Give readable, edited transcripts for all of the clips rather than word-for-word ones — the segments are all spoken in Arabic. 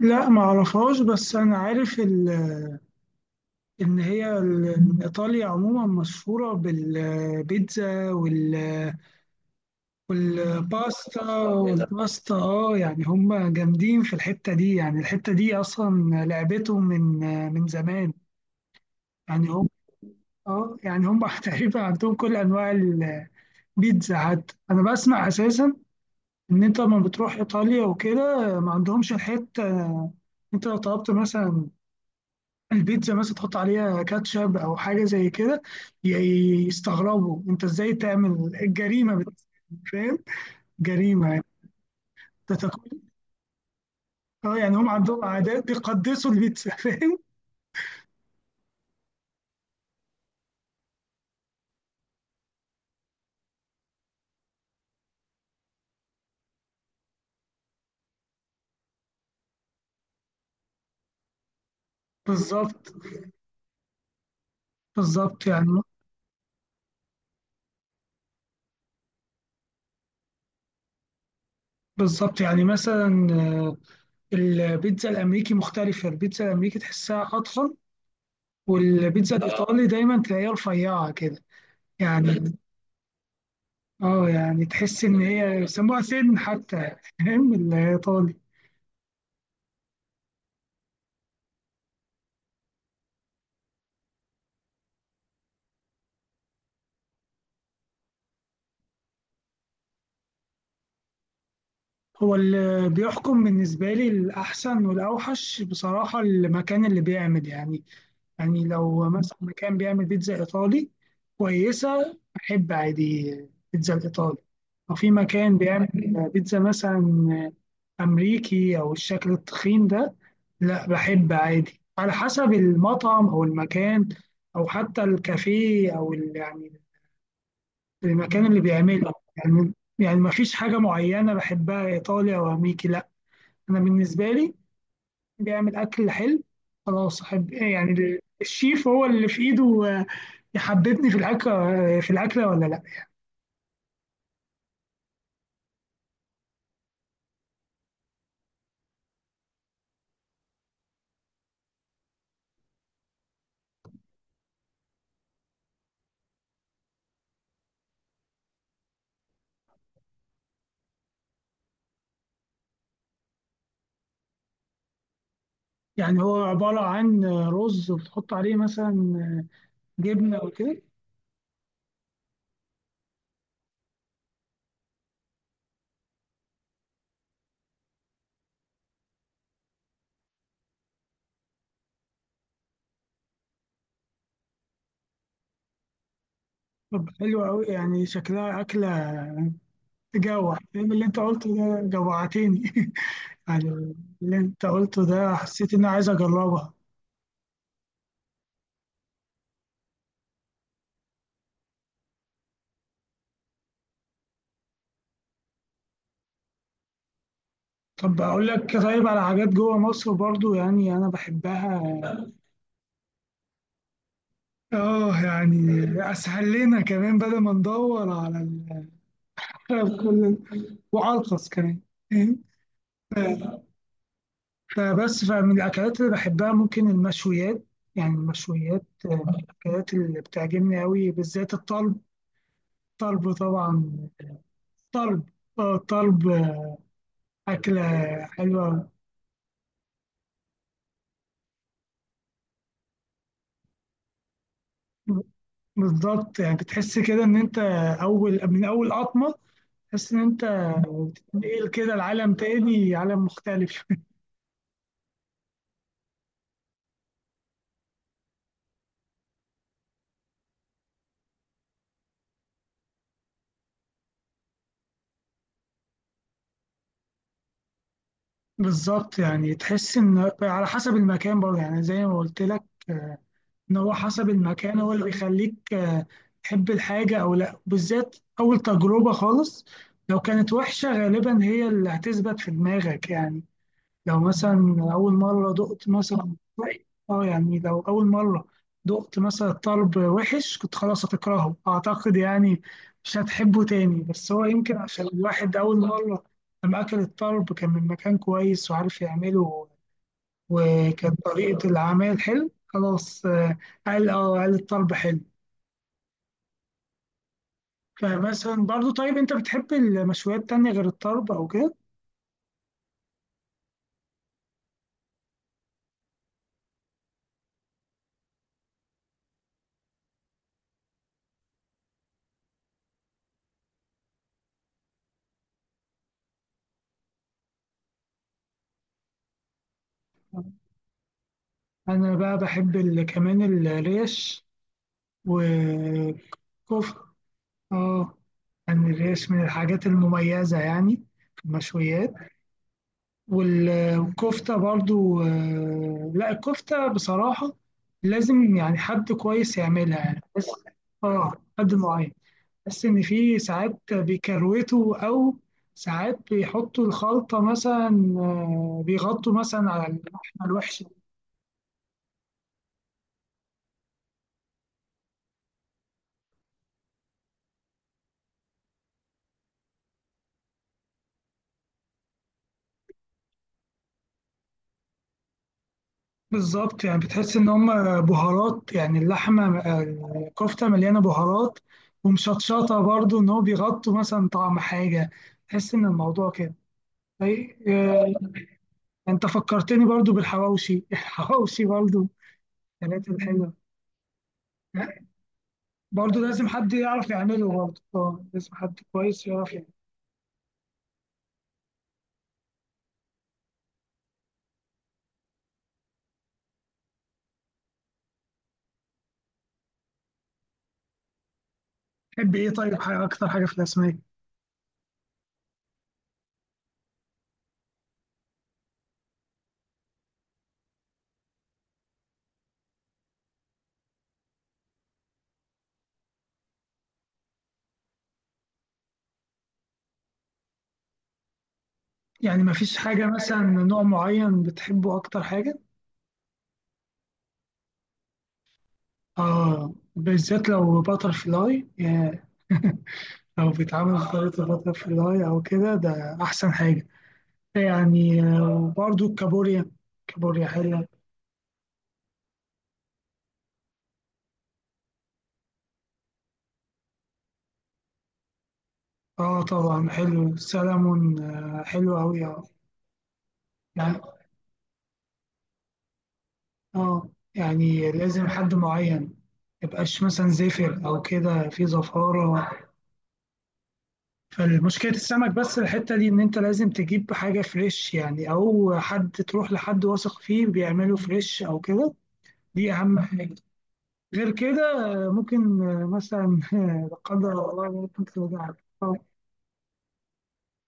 لا، ما اعرفهاش. بس انا عارف ان هي إن ايطاليا عموما مشهوره بالبيتزا والباستا يعني هم جامدين في الحته دي. يعني الحته دي اصلا لعبتهم من زمان. يعني هم اه يعني هم تقريبا عندهم كل انواع البيتزا. حتى انا بسمع اساسا ان انت لما بتروح ايطاليا وكده ما عندهمش الحته. انت لو طلبت مثلا البيتزا مثلا تحط عليها كاتشب او حاجه زي كده، يستغربوا انت ازاي تعمل الجريمه بالنسبة لهم، فاهم؟ جريمه يعني انت تاكل. اه يعني هم عندهم عادات بيقدسوا البيتزا فاهم؟ بالظبط، بالظبط. يعني مثلا البيتزا الامريكي مختلفه. البيتزا الامريكي تحسها اطول، والبيتزا الايطالي دايما تلاقيها رفيعه كده. يعني اه يعني تحس ان هي بيسموها سن حتى فاهم؟ الايطالي هو اللي بيحكم بالنسبة لي الأحسن والأوحش بصراحة، المكان اللي بيعمل. يعني لو مثلا مكان بيعمل بيتزا إيطالي كويسة أحب عادي بيتزا الإيطالي. لو في مكان بيعمل بيتزا مثلا أمريكي أو الشكل التخين ده، لا، بحب عادي على حسب المطعم أو المكان أو حتى الكافيه أو يعني المكان اللي بيعمله يعني. يعني مفيش حاجة معينة بحبها إيطالي أو أمريكي. لا، انا بالنسبه لي بيعمل اكل حلو خلاص احب. يعني الشيف هو اللي في ايده آه، يحببني في الاكل، في الاكله ولا لا. يعني هو عباره عن رز وتحط عليه مثلا آه، جبنه وكده. طب حلو قوي، يعني شكلها اكله تجوع. فاهم اللي انت قلته ده جوعتني يعني اللي انت قلته ده حسيت اني عايز اجربها. طب اقول لك طيب على حاجات جوه مصر برضو يعني انا بحبها. اه يعني اسهل لنا كمان بدل ما ندور على على كل وارخص كمان، فاهم؟ فبس فمن الاكلات اللي بحبها ممكن المشويات. يعني المشويات من الاكلات اللي بتعجبني قوي، بالذات الطلب. الطلب طبعا. طلب. اه الطلب اكله حلوه. بالظبط، يعني بتحس كده ان انت اول من اول قطمه تحس ان انت بتنقل كده العالم تاني، عالم مختلف. بالظبط، يعني تحس ان على حسب المكان برضه يعني زي ما قلت لك. آه، ان هو حسب المكان هو اللي بيخليك تحب الحاجه او لا، بالذات اول تجربه خالص. لو كانت وحشه غالبا هي اللي هتثبت في دماغك يعني. لو مثلا أول مرة دقت مثلا اه يعني لو أول مرة دقت مثلا طرب وحش، كنت خلاص هتكرهه أعتقد. يعني مش هتحبه تاني. بس هو يمكن عشان الواحد أول مرة لما أكل الطرب كان من مكان كويس وعارف يعمله وكانت طريقة العمل حلو خلاص. قال الطرب حلو. فمثلا برضو، طيب أنت بتحب المشويات تانية غير الطرب أو كده؟ أنا بقى بحب كمان الريش وكفتة. اه يعني الريش من الحاجات المميزة يعني في المشويات. والكفتة برضو لا، الكفتة بصراحة لازم يعني حد كويس يعملها يعني. بس اه حد معين. بس ان في ساعات بيكروتوا او ساعات بيحطوا الخلطة مثلا بيغطوا مثلا على اللحمة الوحشة. بالظبط، يعني بتحس ان هم بهارات، يعني اللحمه الكفته مليانه بهارات ومشطشطه برضو ان هو بيغطوا مثلا طعم حاجه. تحس ان الموضوع كده أي- آه، انت فكرتني برضو بالحواوشي الحواوشي برضو الحاجات الحلوه. لا، برضو لازم حد يعرف يعمله برضو. اه لازم حد كويس يعرف يعمله. تحب ايه طيب، حاجه اكتر حاجه في الاسماك؟ يعني مفيش حاجه مثلا نوع معين بتحبه اكتر حاجه؟ اه، بالذات لو باتر فلاي. لو بيتعمل سلطة باترفلاي أو كده ده أحسن حاجة. يعني وبرضو الكابوريا. كابوريا حلوة. اه طبعا، حلو سلمون، حلو أوي، اه. يعني اه يعني لازم حد معين، ميبقاش مثلا زفر أو كده، في زفارة. فالمشكلة السمك بس الحتة دي إن أنت لازم تجيب حاجة فريش يعني، أو حد تروح لحد واثق فيه بيعمله فريش أو كده. دي أهم حاجة. غير كده ممكن مثلا لا قدر الله ممكن ترجع.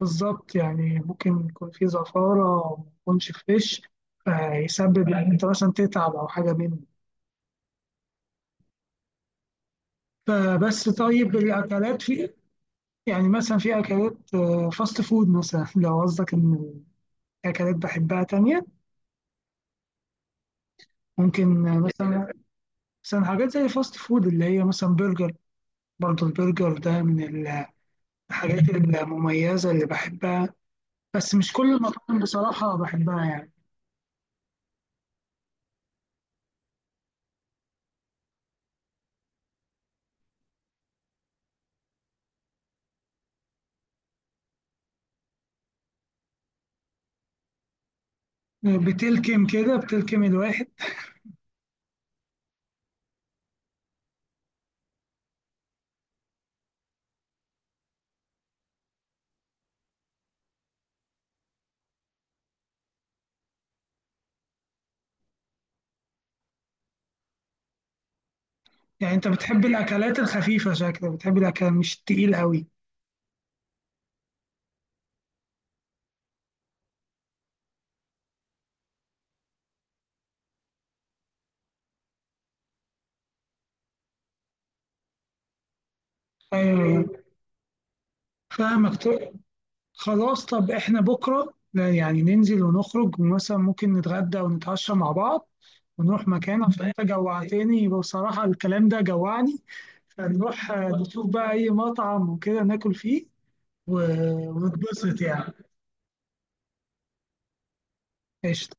بالظبط، يعني ممكن يكون في زفارة أو ما يكونش فريش، فيسبب إن أنت مثلا تتعب أو حاجة منه. فبس طيب الأكلات في، يعني مثلا في أكلات فاست فود مثلا لو قصدك إن أكلات بحبها تانية، ممكن مثلا، حاجات زي فاست فود اللي هي مثلا برجر. برضه البرجر ده من الحاجات المميزة اللي بحبها، بس مش كل المطاعم بصراحة بحبها يعني. بتلكم كده، بتلكم الواحد. يعني انت بتحب الاكلات الخفيفة شكلك، بتحب الاكل مش تقيل قوي. ايوه، فاهمك. خلاص، طب احنا بكرة، لا يعني ننزل ونخرج مثلا، ممكن نتغدى ونتعشى مع بعض ونروح مكان، عشان انت جوعتني بصراحة، الكلام ده جوعني. فنروح نشوف بقى اي مطعم وكده ناكل فيه ونتبسط يعني. قشطة.